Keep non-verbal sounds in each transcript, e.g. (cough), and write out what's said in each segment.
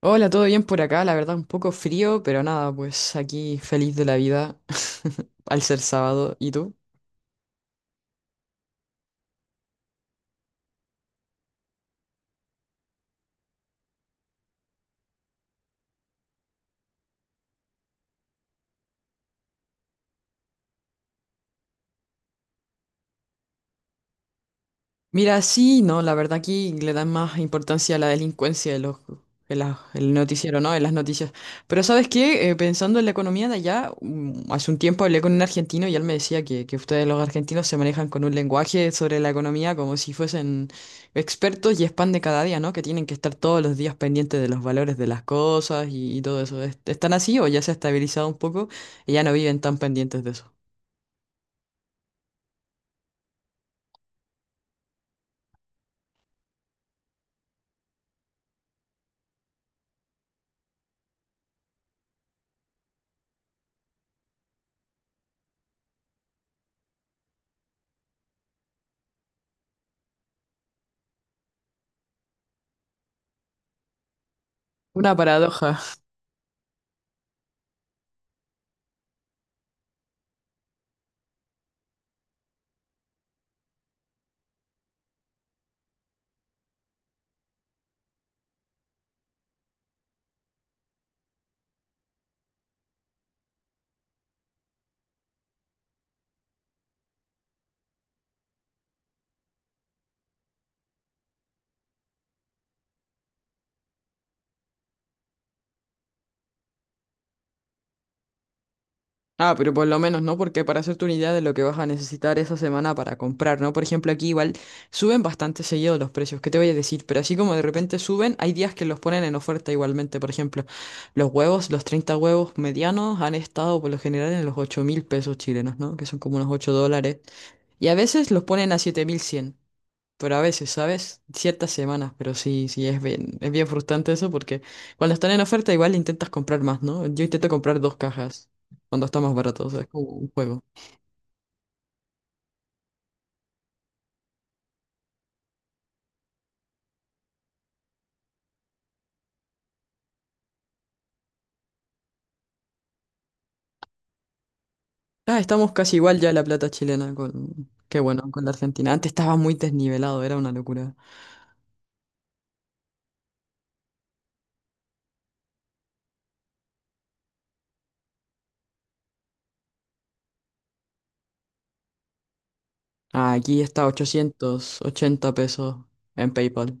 Hola, ¿todo bien por acá? La verdad, un poco frío, pero nada, pues aquí feliz de la vida (laughs) al ser sábado. ¿Y tú? Mira, sí, no, la verdad aquí le dan más importancia a la delincuencia de los, en la- el noticiero, ¿no? En las noticias. Pero ¿sabes qué? Pensando en la economía de allá, hace un tiempo hablé con un argentino y él me decía que ustedes los argentinos se manejan con un lenguaje sobre la economía como si fuesen expertos y es pan de cada día, ¿no? Que tienen que estar todos los días pendientes de los valores de las cosas y todo eso. ¿Están así o ya se ha estabilizado un poco y ya no viven tan pendientes de eso? Una paradoja. Ah, pero por lo menos, ¿no? Porque para hacerte una idea de lo que vas a necesitar esa semana para comprar, ¿no? Por ejemplo, aquí igual suben bastante seguido los precios, ¿qué te voy a decir? Pero así como de repente suben, hay días que los ponen en oferta igualmente. Por ejemplo, los huevos, los 30 huevos medianos han estado por lo general en los 8.000 pesos chilenos, ¿no? Que son como unos 8 dólares. Y a veces los ponen a 7.100. Pero a veces, ¿sabes? Ciertas semanas, pero sí, sí, es bien frustrante eso porque cuando están en oferta igual intentas comprar más, ¿no? Yo intento comprar dos cajas cuando está más barato, o sea, es como un juego. Ah, estamos casi igual ya la plata chilena con, qué bueno, con la Argentina. Antes estaba muy desnivelado, era una locura. Ah, aquí está 880 pesos en PayPal.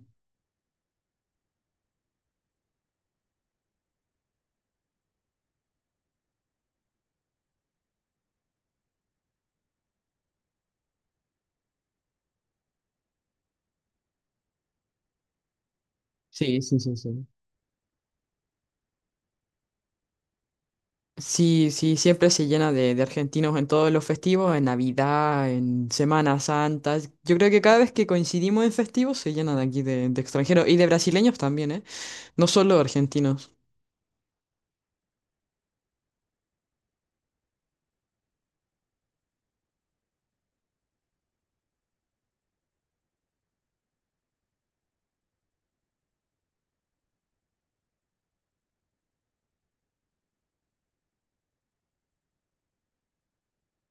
Sí, sí, sí, sí. Sí, sí, siempre se llena de argentinos en todos los festivos, en Navidad, en Semana Santa. Yo creo que cada vez que coincidimos en festivos se llena de aquí de extranjeros y de brasileños también, ¿eh? No solo argentinos.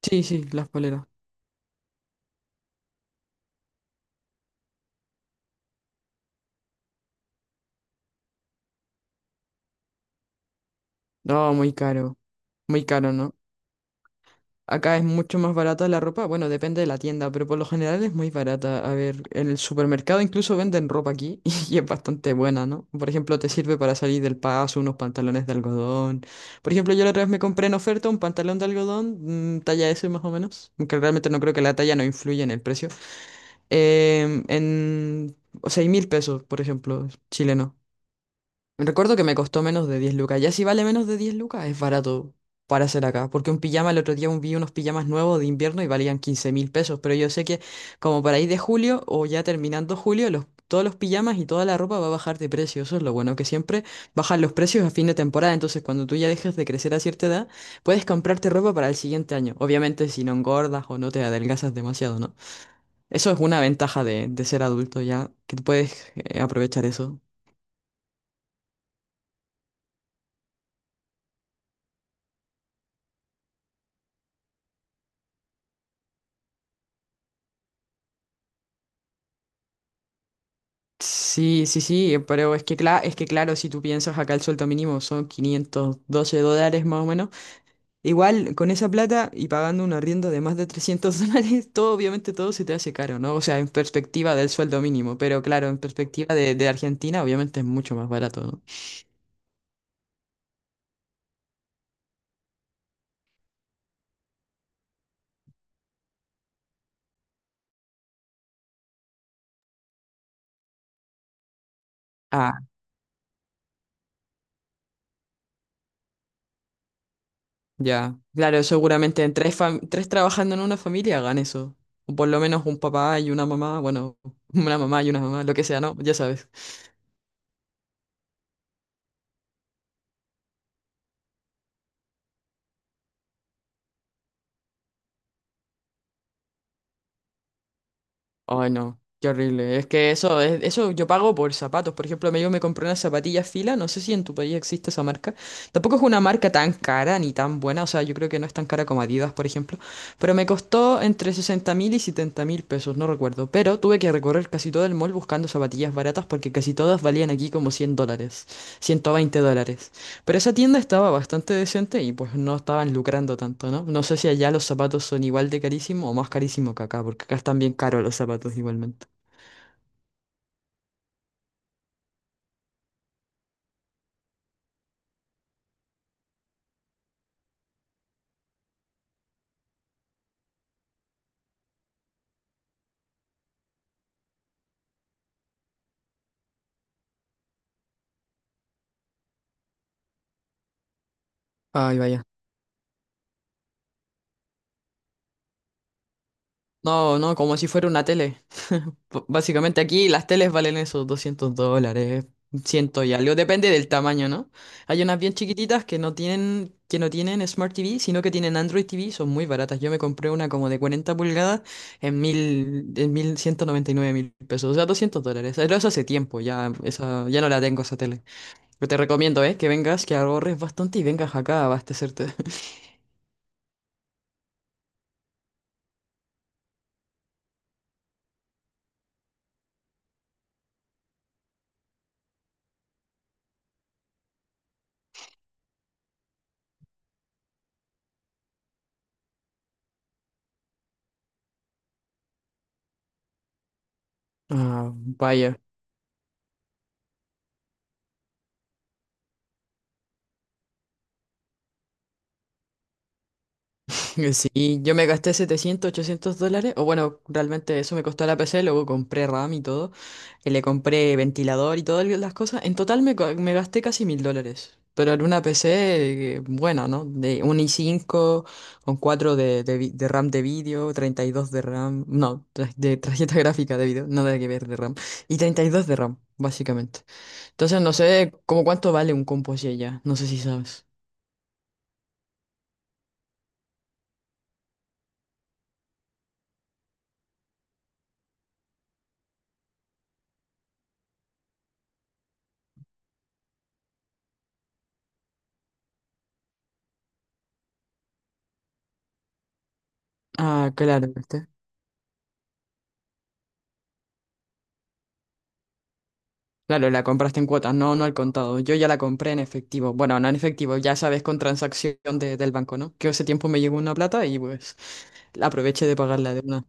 Sí, sí, las poleras. No, muy caro, ¿no? Acá es mucho más barata la ropa, bueno, depende de la tienda, pero por lo general es muy barata. A ver, en el supermercado incluso venden ropa aquí (laughs) y es bastante buena, ¿no? Por ejemplo, te sirve para salir del paso unos pantalones de algodón. Por ejemplo, yo la otra vez me compré en oferta un pantalón de algodón, talla S más o menos, aunque realmente no creo que la talla no influya en el precio. En 6.000 pesos, por ejemplo, chileno. Recuerdo que me costó menos de 10 lucas. Ya si vale menos de 10 lucas, es barato para hacer acá. Porque un pijama, el otro día vi unos pijamas nuevos de invierno y valían 15.000 pesos. Pero yo sé que como para ir de julio o ya terminando julio, todos los pijamas y toda la ropa va a bajar de precio. Eso es lo bueno, que siempre bajan los precios a fin de temporada. Entonces cuando tú ya dejes de crecer a cierta edad, puedes comprarte ropa para el siguiente año. Obviamente si no engordas o no te adelgazas demasiado, ¿no? Eso es una ventaja de ser adulto ya, que tú puedes aprovechar eso. Sí, sí, sí, pero es que, es que claro, si tú piensas acá el sueldo mínimo son 512 dólares más o menos, igual con esa plata y pagando un arriendo de más de 300 (laughs) dólares, todo obviamente todo se te hace caro, ¿no? O sea, en perspectiva del sueldo mínimo, pero claro, en perspectiva de Argentina obviamente es mucho más barato, ¿no? Ah, ya, claro, seguramente en tres trabajando en una familia hagan eso, o por lo menos un papá y una mamá, bueno, (laughs) una mamá y una mamá, lo que sea, ¿no? Ya sabes. Ay, no, qué horrible. Es que eso, eso yo pago por zapatos. Por ejemplo, yo me compré unas zapatillas Fila, no sé si en tu país existe esa marca. Tampoco es una marca tan cara ni tan buena, o sea, yo creo que no es tan cara como Adidas, por ejemplo. Pero me costó entre 60.000 y 70.000 pesos, no recuerdo. Pero tuve que recorrer casi todo el mall buscando zapatillas baratas porque casi todas valían aquí como 100 dólares, 120 dólares. Pero esa tienda estaba bastante decente y pues no estaban lucrando tanto, ¿no? No sé si allá los zapatos son igual de carísimo o más carísimo que acá, porque acá están bien caros los zapatos igualmente. Ay, vaya. No, no, como si fuera una tele. (laughs) Básicamente aquí las teles valen esos 200 dólares, ciento y algo, depende del tamaño, ¿no? Hay unas bien chiquititas que no tienen Smart TV, sino que tienen Android TV, son muy baratas. Yo me compré una como de 40 pulgadas en 1.199.000 pesos, o sea, 200 dólares. Pero eso hace tiempo, ya, esa, ya no la tengo esa tele. Pero te recomiendo, ¿eh? Que vengas, que ahorres bastante y vengas acá a abastecerte. (laughs) Ah, vaya. (laughs) Sí, yo me gasté 700 800 dólares, o bueno, realmente eso me costó la PC, luego compré RAM y todo, y le compré ventilador y todas las cosas, en total me, co- me gasté casi mil dólares, pero en una PC buena, ¿no? De un i5 con 4 de RAM de vídeo, 32 de RAM, no, de tarjeta (laughs) gráfica de vídeo, nada que ver de RAM, y 32 de RAM, básicamente. Entonces no sé cómo cuánto vale un compo así allá, no sé si sabes. Ah, claro. Claro, la compraste en cuotas, no, no al contado. Yo ya la compré en efectivo. Bueno, no en efectivo, ya sabes, con transacción del banco, ¿no? Que hace tiempo me llegó una plata y pues la aproveché de pagarla de una.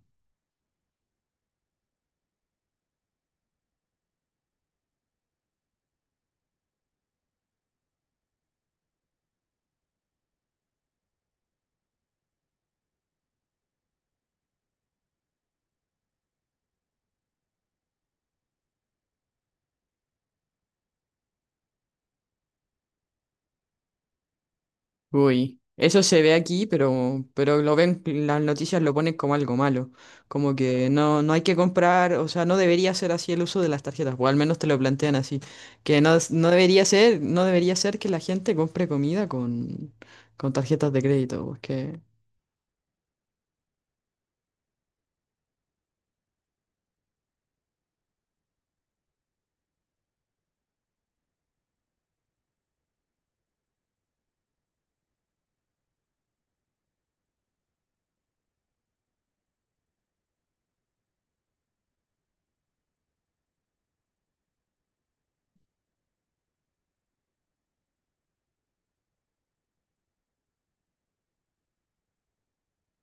Uy, eso se ve aquí, pero lo ven, las noticias lo ponen como algo malo. Como que no, no hay que comprar, o sea, no debería ser así el uso de las tarjetas, o al menos te lo plantean así. Que no, no debería ser que la gente compre comida con tarjetas de crédito, porque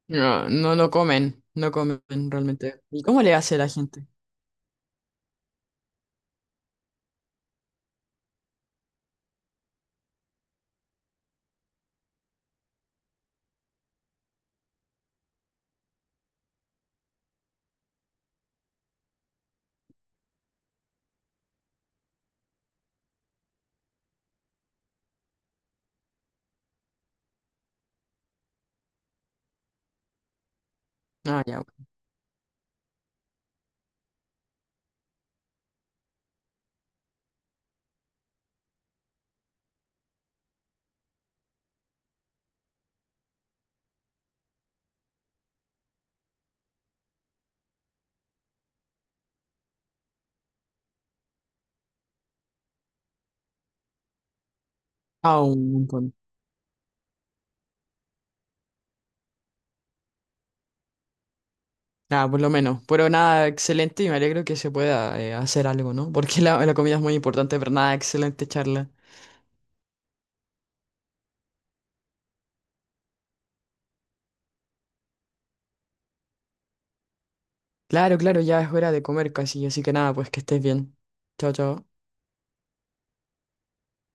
no, no, no comen, no comen realmente. ¿Y cómo le hace la gente? Ah, ya, ok. Ah, un montón. Ah, por lo menos. Pero nada, excelente y me alegro que se pueda hacer algo, ¿no? Porque (laughs) la comida es muy importante, pero nada, excelente charla. Claro, claro, ya es hora de comer casi, así que nada, pues que estés bien. Chao, chao.